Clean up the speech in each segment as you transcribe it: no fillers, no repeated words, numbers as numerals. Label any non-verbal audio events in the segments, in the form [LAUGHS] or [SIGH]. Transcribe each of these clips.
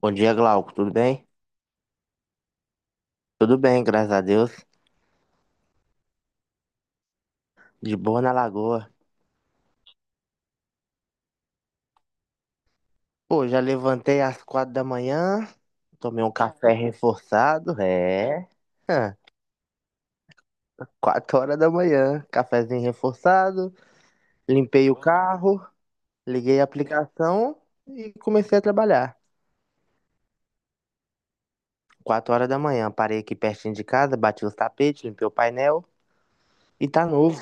Bom dia, Glauco. Tudo bem? Tudo bem, graças a Deus. De boa na lagoa. Pô, já levantei às 4 da manhã, tomei um café reforçado. É. Hã, Quatro horas da manhã, cafezinho reforçado, limpei o carro, liguei a aplicação e comecei a trabalhar. 4 horas da manhã, parei aqui pertinho de casa, bati os tapetes, limpei o painel e tá novo.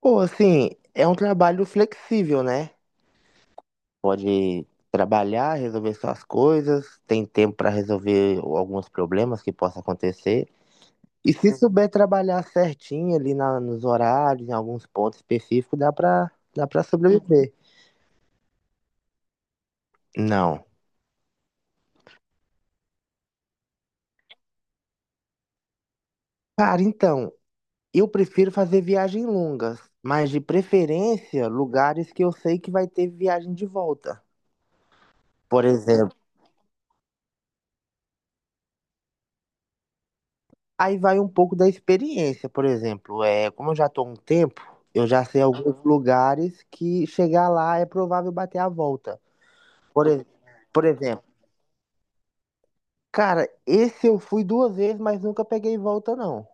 Pô, assim, é um trabalho flexível, né? Pode trabalhar, resolver suas coisas, tem tempo para resolver alguns problemas que possam acontecer. E se souber trabalhar certinho ali na- nos horários, em alguns pontos específicos, dá para sobreviver. Não. Cara, então, eu prefiro fazer viagens longas, mas de preferência lugares que eu sei que vai ter viagem de volta. Por exemplo, aí vai um pouco da experiência, por exemplo, é, como eu já estou há um tempo, eu já sei alguns lugares que chegar lá é provável bater a volta. Por, ex- por exemplo, cara, esse eu fui duas vezes, mas nunca peguei volta, não.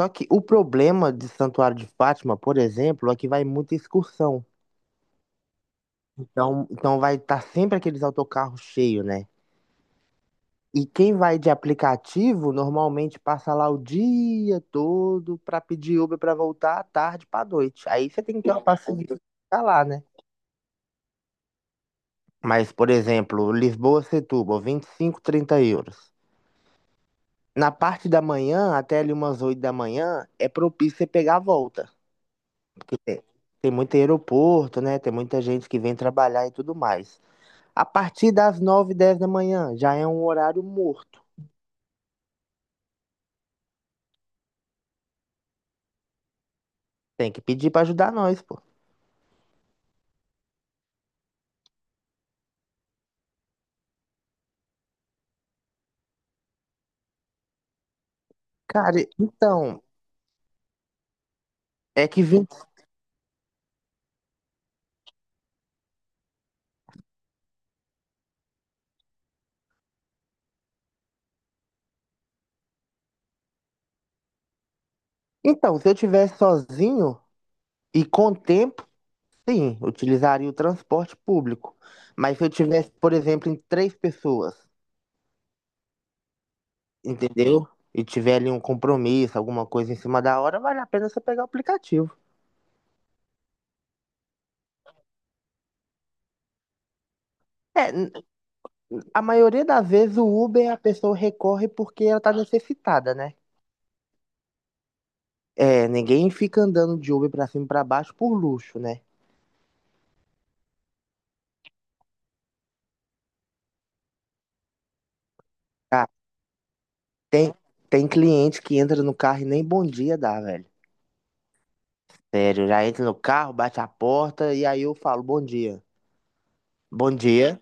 Só que o problema de Santuário de Fátima, por exemplo, é que vai muita excursão. Então vai estar sempre aqueles autocarros cheios, né? E quem vai de aplicativo normalmente passa lá o dia todo pra pedir Uber pra voltar à tarde pra noite. Aí você tem que ter uma paciência pra ficar lá, né? Mas, por exemplo, Lisboa-Setúbal, 25, 30 euros. Na parte da manhã, até ali umas 8 da manhã, é propício você pegar a volta. Porque tem muito aeroporto, né? Tem muita gente que vem trabalhar e tudo mais. A partir das 9 10 da manhã, já é um horário morto. Tem que pedir pra ajudar nós, pô. Cara, então, é que vem. Então, se eu tivesse sozinho e com tempo, sim, utilizaria o transporte público. Mas se eu tivesse, por exemplo, em três pessoas, entendeu? E tiver ali um compromisso, alguma coisa em cima da hora, vale a pena você pegar o aplicativo. É, a maioria das vezes o Uber a pessoa recorre porque ela tá necessitada, né? É, ninguém fica andando de Uber pra cima e pra baixo por luxo, né? Ah, tem, tem cliente que entra no carro e nem bom dia dá, velho. Sério, já entra no carro, bate a porta e aí eu falo bom dia. Bom dia.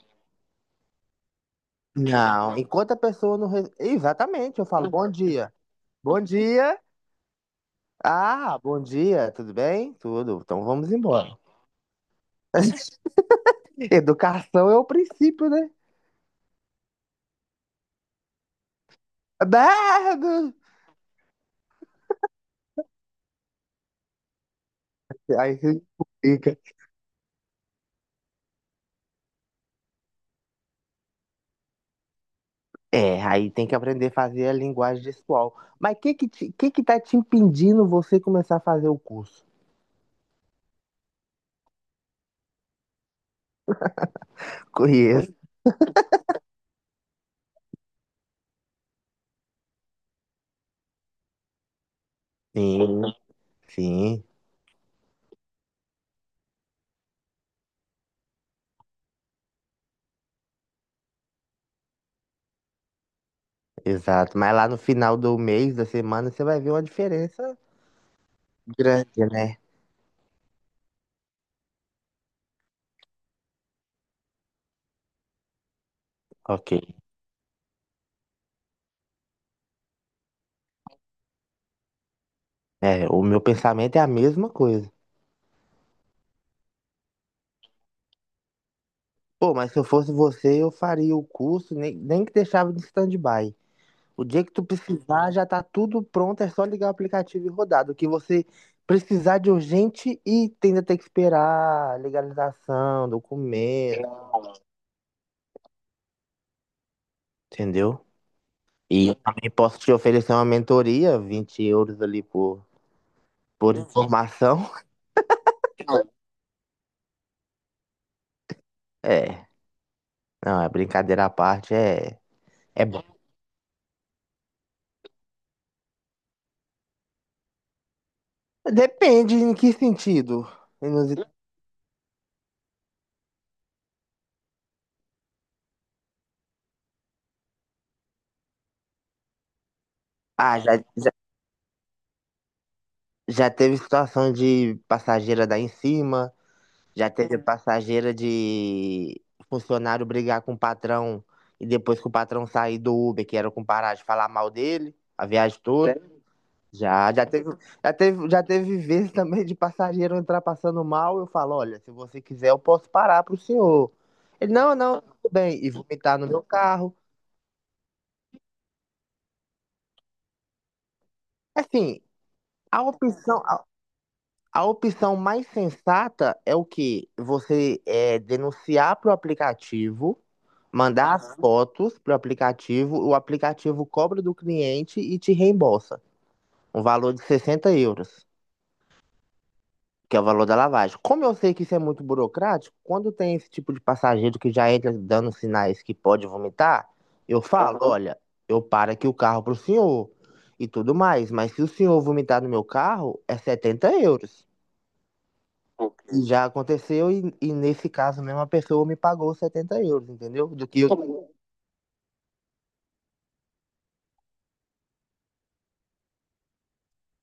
Não, enquanto a pessoa não. Exatamente, eu falo bom dia. Bom dia. Ah, bom dia, tudo bem? Tudo. Então vamos embora. [LAUGHS] Educação é o princípio, né? Bardo! Aí você explica. É, aí tem que aprender a fazer a linguagem gestual. Mas o que que, que tá te impedindo você começar a fazer o curso? Conheço. Sim, sim. Exato, mas lá no final do mês, da semana, você vai ver uma diferença grande, né? Ok. É, o meu pensamento é a mesma coisa. Pô, mas se eu fosse você, eu faria o curso, nem que deixava de stand-by. O dia que tu precisar, já tá tudo pronto, é só ligar o aplicativo e rodar. Do que você precisar de urgente e ainda ter que esperar legalização, documento, entendeu? E eu também posso te oferecer uma mentoria, 20 euros ali por informação. É. Não, é brincadeira à parte, é bom. Depende em que sentido. Inusi- Ah, já teve situação de passageira dar em cima, já teve. Uhum. Passageira de funcionário brigar com o patrão e depois que o patrão sair do Uber, que era com parar de falar mal dele, a viagem toda. Sério? Já, já teve, já teve vezes também de passageiro entrar passando mal, eu falo, olha, se você quiser eu posso parar pro senhor. Ele, não, não, tudo bem, e vomitar no meu carro. Assim, A opção, a, a opção mais sensata é o que Você é, denunciar para o aplicativo, mandar as fotos para o aplicativo cobra do cliente e te reembolsa. Um valor de 60 euros, que é o valor da lavagem. Como eu sei que isso é muito burocrático, quando tem esse tipo de passageiro que já entra dando sinais que pode vomitar, eu falo: olha, eu paro aqui o carro para o senhor e tudo mais, mas se o senhor vomitar no meu carro, é 70 euros. E, ok, já aconteceu, e nesse caso mesmo, a pessoa me pagou 70 euros, entendeu? Do que eu...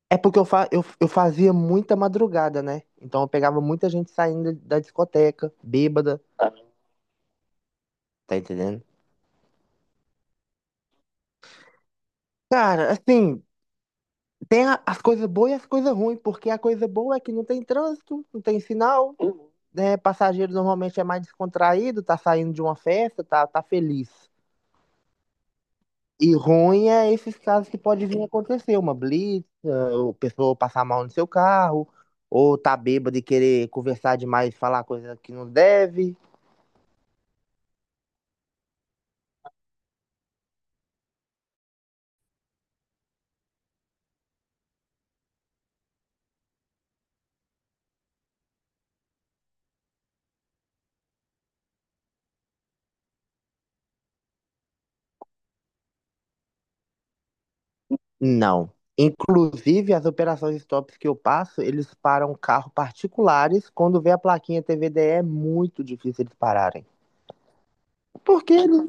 É porque eu fazia muita madrugada, né? Então eu pegava muita gente saindo da discoteca, bêbada, tá entendendo? Cara, assim, tem as coisas boas e as coisas ruins, porque a coisa boa é que não tem trânsito, não tem sinal, né? Passageiro normalmente é mais descontraído, tá saindo de uma festa, tá feliz. E ruim é esses casos que pode vir a acontecer, uma blitz, ah, o pessoa passar mal no seu carro, ou tá bêbado e querer conversar demais, falar coisa que não deve. Não. Inclusive, as operações stops que eu passo, eles param carro particulares. Quando vê a plaquinha TVDE, é muito difícil eles pararem. Porque eles...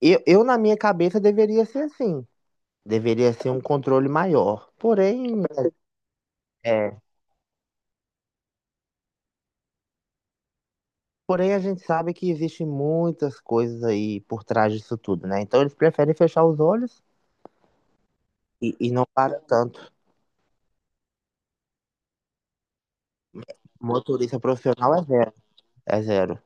Na minha cabeça, deveria ser assim. Deveria ser um controle maior. É, Porém, a gente sabe que existem muitas coisas aí por trás disso tudo, né? Então eles preferem fechar os olhos e não para tanto. Motorista profissional é zero, é zero.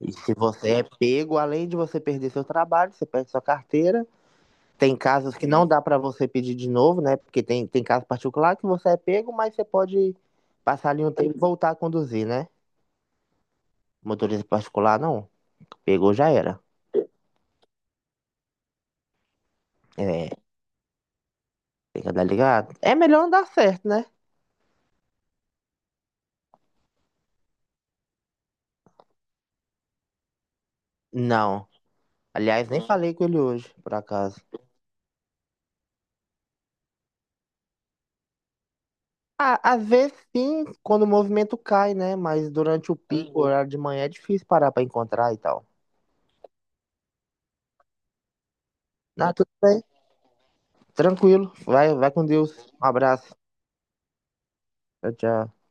E se você é pego, além de você perder seu trabalho, você perde sua carteira. Tem casos que não dá para você pedir de novo, né? Porque tem caso particular que você é pego, mas você pode passar ali um tempo e voltar a conduzir, né? Motorista particular, não. Pegou, já era. É, tem que andar ligado. É melhor andar certo, né? Não. Aliás, nem falei com ele hoje, por acaso. Ah, às vezes sim, quando o movimento cai, né? Mas durante o pico, o horário de manhã, é difícil parar pra encontrar e tal. Ah, tudo bem, tranquilo. Vai, vai com Deus. Um abraço. Tchau, tchau.